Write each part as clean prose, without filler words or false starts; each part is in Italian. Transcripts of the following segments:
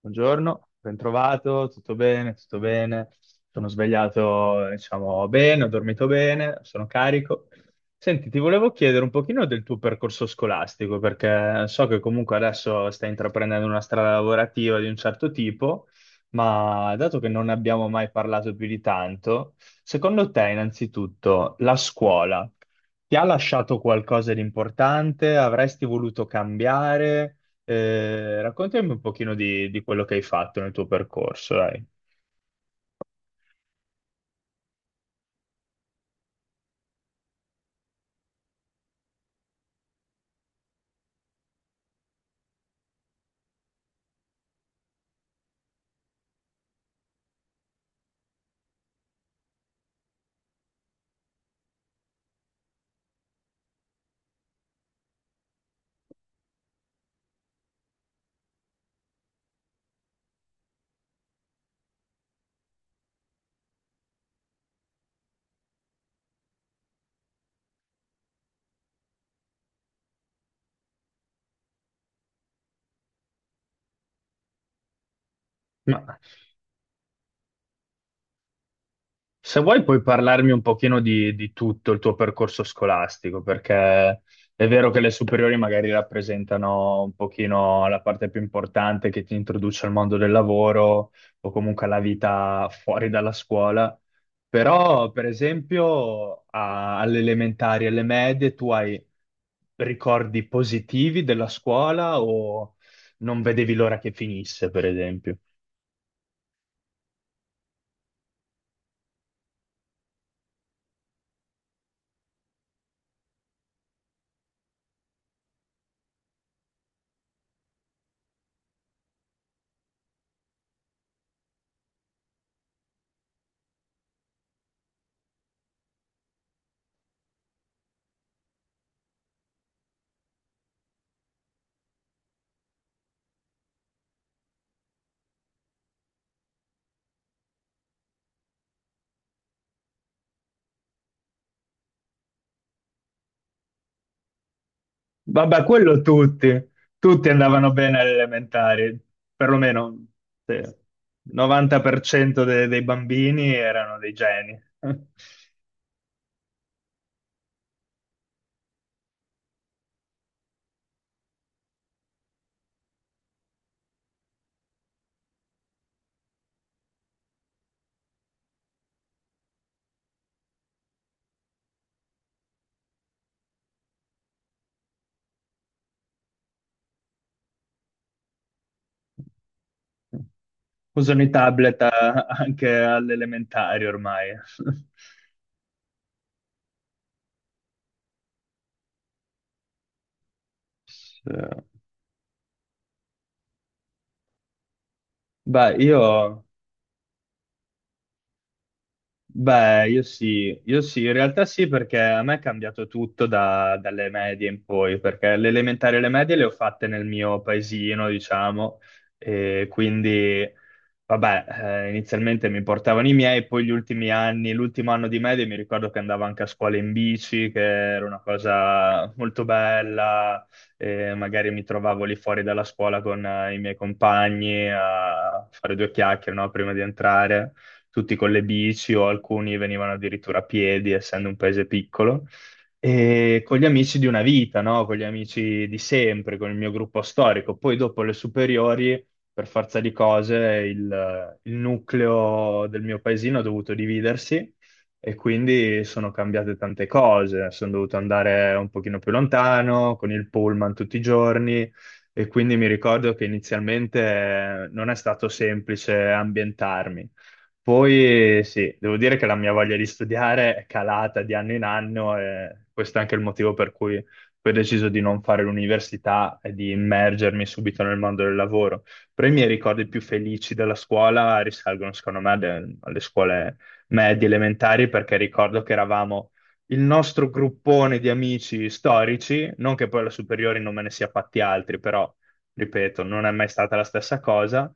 Buongiorno, bentrovato, tutto bene, tutto bene. Sono svegliato, diciamo, bene, ho dormito bene, sono carico. Senti, ti volevo chiedere un pochino del tuo percorso scolastico, perché so che comunque adesso stai intraprendendo una strada lavorativa di un certo tipo, ma dato che non abbiamo mai parlato più di tanto, secondo te, innanzitutto, la scuola ti ha lasciato qualcosa di importante? Avresti voluto cambiare? Raccontami un pochino di quello che hai fatto nel tuo percorso, dai. Ma Se vuoi puoi parlarmi un pochino di tutto il tuo percorso scolastico, perché è vero che le superiori magari rappresentano un pochino la parte più importante che ti introduce al mondo del lavoro o comunque alla vita fuori dalla scuola, però per esempio alle elementari e alle medie tu hai ricordi positivi della scuola o non vedevi l'ora che finisse, per esempio? Vabbè, quello tutti, tutti andavano bene alle elementari, perlomeno sì, il 90% dei bambini erano dei geni. Usano i tablet anche alle elementari ormai. Sì. Beh, io Beh, io sì, in realtà sì, perché a me è cambiato tutto dalle medie in poi, perché le elementari e le medie le ho fatte nel mio paesino, diciamo, e quindi, vabbè, inizialmente mi portavano i miei, poi gli ultimi anni, l'ultimo anno di medie mi ricordo che andavo anche a scuola in bici, che era una cosa molto bella, e magari mi trovavo lì fuori dalla scuola con i miei compagni a fare due chiacchiere, no, prima di entrare tutti con le bici o alcuni venivano addirittura a piedi, essendo un paese piccolo, e con gli amici di una vita, no? Con gli amici di sempre, con il mio gruppo storico. Poi dopo le superiori, per forza di cose, il nucleo del mio paesino ha dovuto dividersi. E quindi sono cambiate tante cose, sono dovuto andare un pochino più lontano con il pullman tutti i giorni e quindi mi ricordo che inizialmente non è stato semplice ambientarmi. Poi sì, devo dire che la mia voglia di studiare è calata di anno in anno e questo è anche il motivo per cui poi ho deciso di non fare l'università e di immergermi subito nel mondo del lavoro. Però i miei ricordi più felici della scuola risalgono, secondo me, alle scuole medie elementari, perché ricordo che eravamo il nostro gruppone di amici storici, non che poi alla superiore non me ne sia fatti altri, però ripeto, non è mai stata la stessa cosa,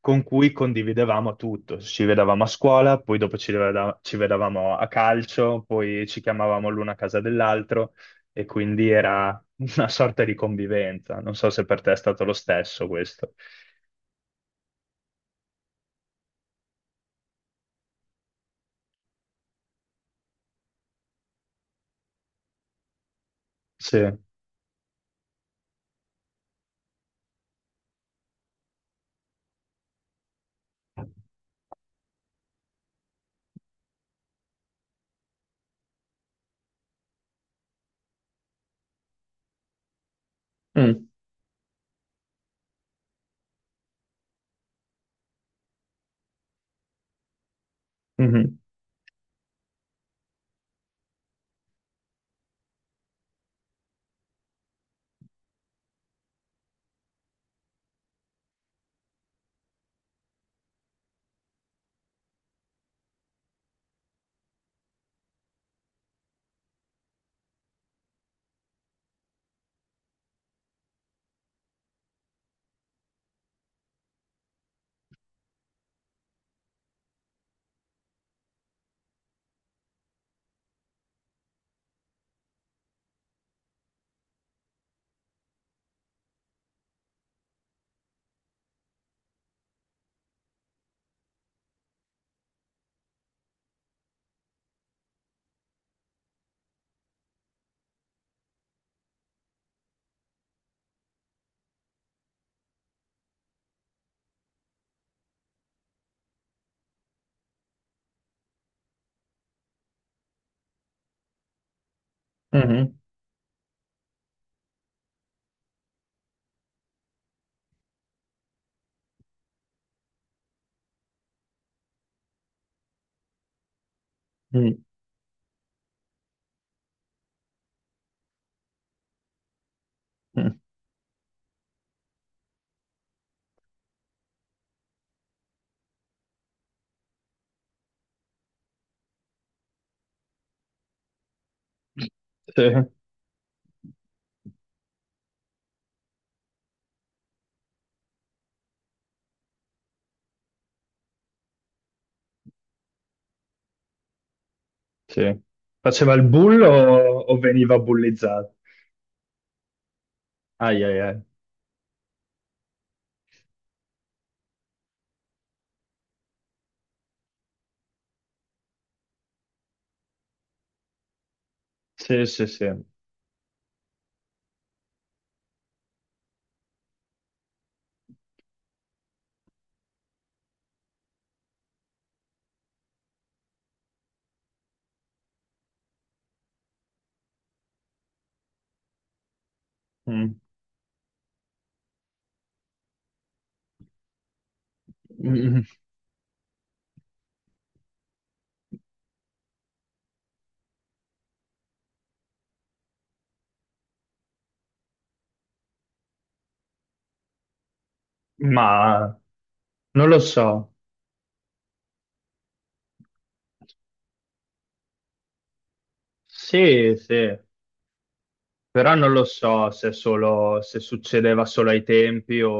con cui condividevamo tutto. Ci vedevamo a scuola, poi dopo ci vedevamo a calcio, poi ci chiamavamo l'uno a casa dell'altro e quindi era una sorta di convivenza. Non so se per te è stato lo stesso questo. Sì. Mm, mhm, mhm, mm, mm. Sì, sì. Faceva il bullo o, veniva bullizzato? Ai ai ai. Sì, sì, sì. Mm. Ma non lo so. Sì, sì, però non lo so se succedeva solo ai tempi o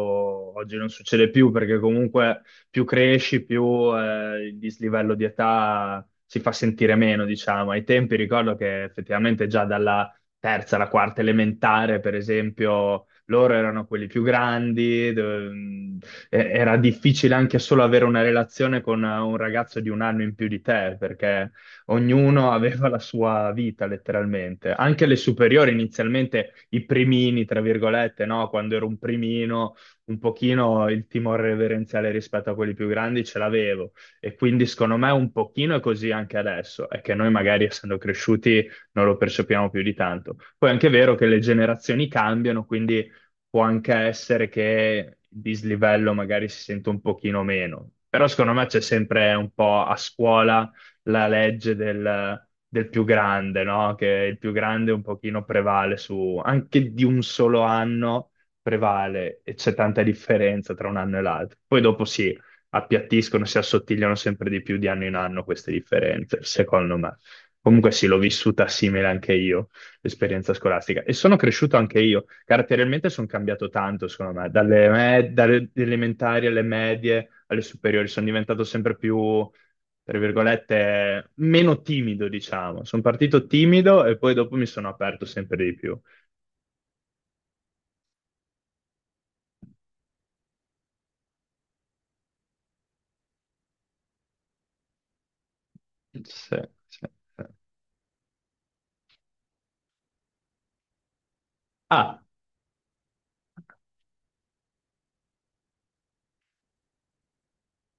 oggi non succede più, perché comunque più cresci, più il dislivello di età si fa sentire meno, diciamo. Ai tempi ricordo che effettivamente già dalla terza alla quarta elementare, per esempio, loro erano quelli più grandi, era difficile anche solo avere una relazione con un ragazzo di un anno in più di te, perché ognuno aveva la sua vita letteralmente. Anche le superiori inizialmente, i primini, tra virgolette, no? Quando ero un primino, un pochino il timore reverenziale rispetto a quelli più grandi ce l'avevo. E quindi secondo me un pochino è così anche adesso, è che noi magari essendo cresciuti non lo percepiamo più di tanto. Poi è anche vero che le generazioni cambiano, quindi può anche essere che il dislivello magari si sente un pochino meno. Però secondo me c'è sempre un po' a scuola la legge del più grande, no? Che il più grande un pochino prevale su, anche di un solo anno prevale e c'è tanta differenza tra un anno e l'altro. Poi dopo si appiattiscono, si assottigliano sempre di più di anno in anno queste differenze, secondo me. Comunque sì, l'ho vissuta simile anche io, l'esperienza scolastica. E sono cresciuto anche io. Caratterialmente sono cambiato tanto, secondo me, dalle elementari alle medie, alle superiori. Sono diventato sempre più tra virgolette, meno timido, diciamo. Sono partito timido e poi dopo mi sono aperto sempre di più. Sì, sì. Sì. Ah,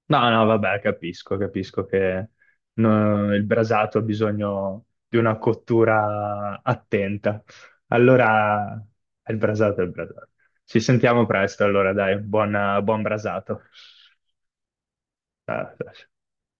no, no, vabbè, capisco, capisco che no, il brasato ha bisogno di una cottura attenta. Allora, è il brasato, è il brasato. Ci sentiamo presto, allora, dai, buon, buon brasato. Ah, ah, sì.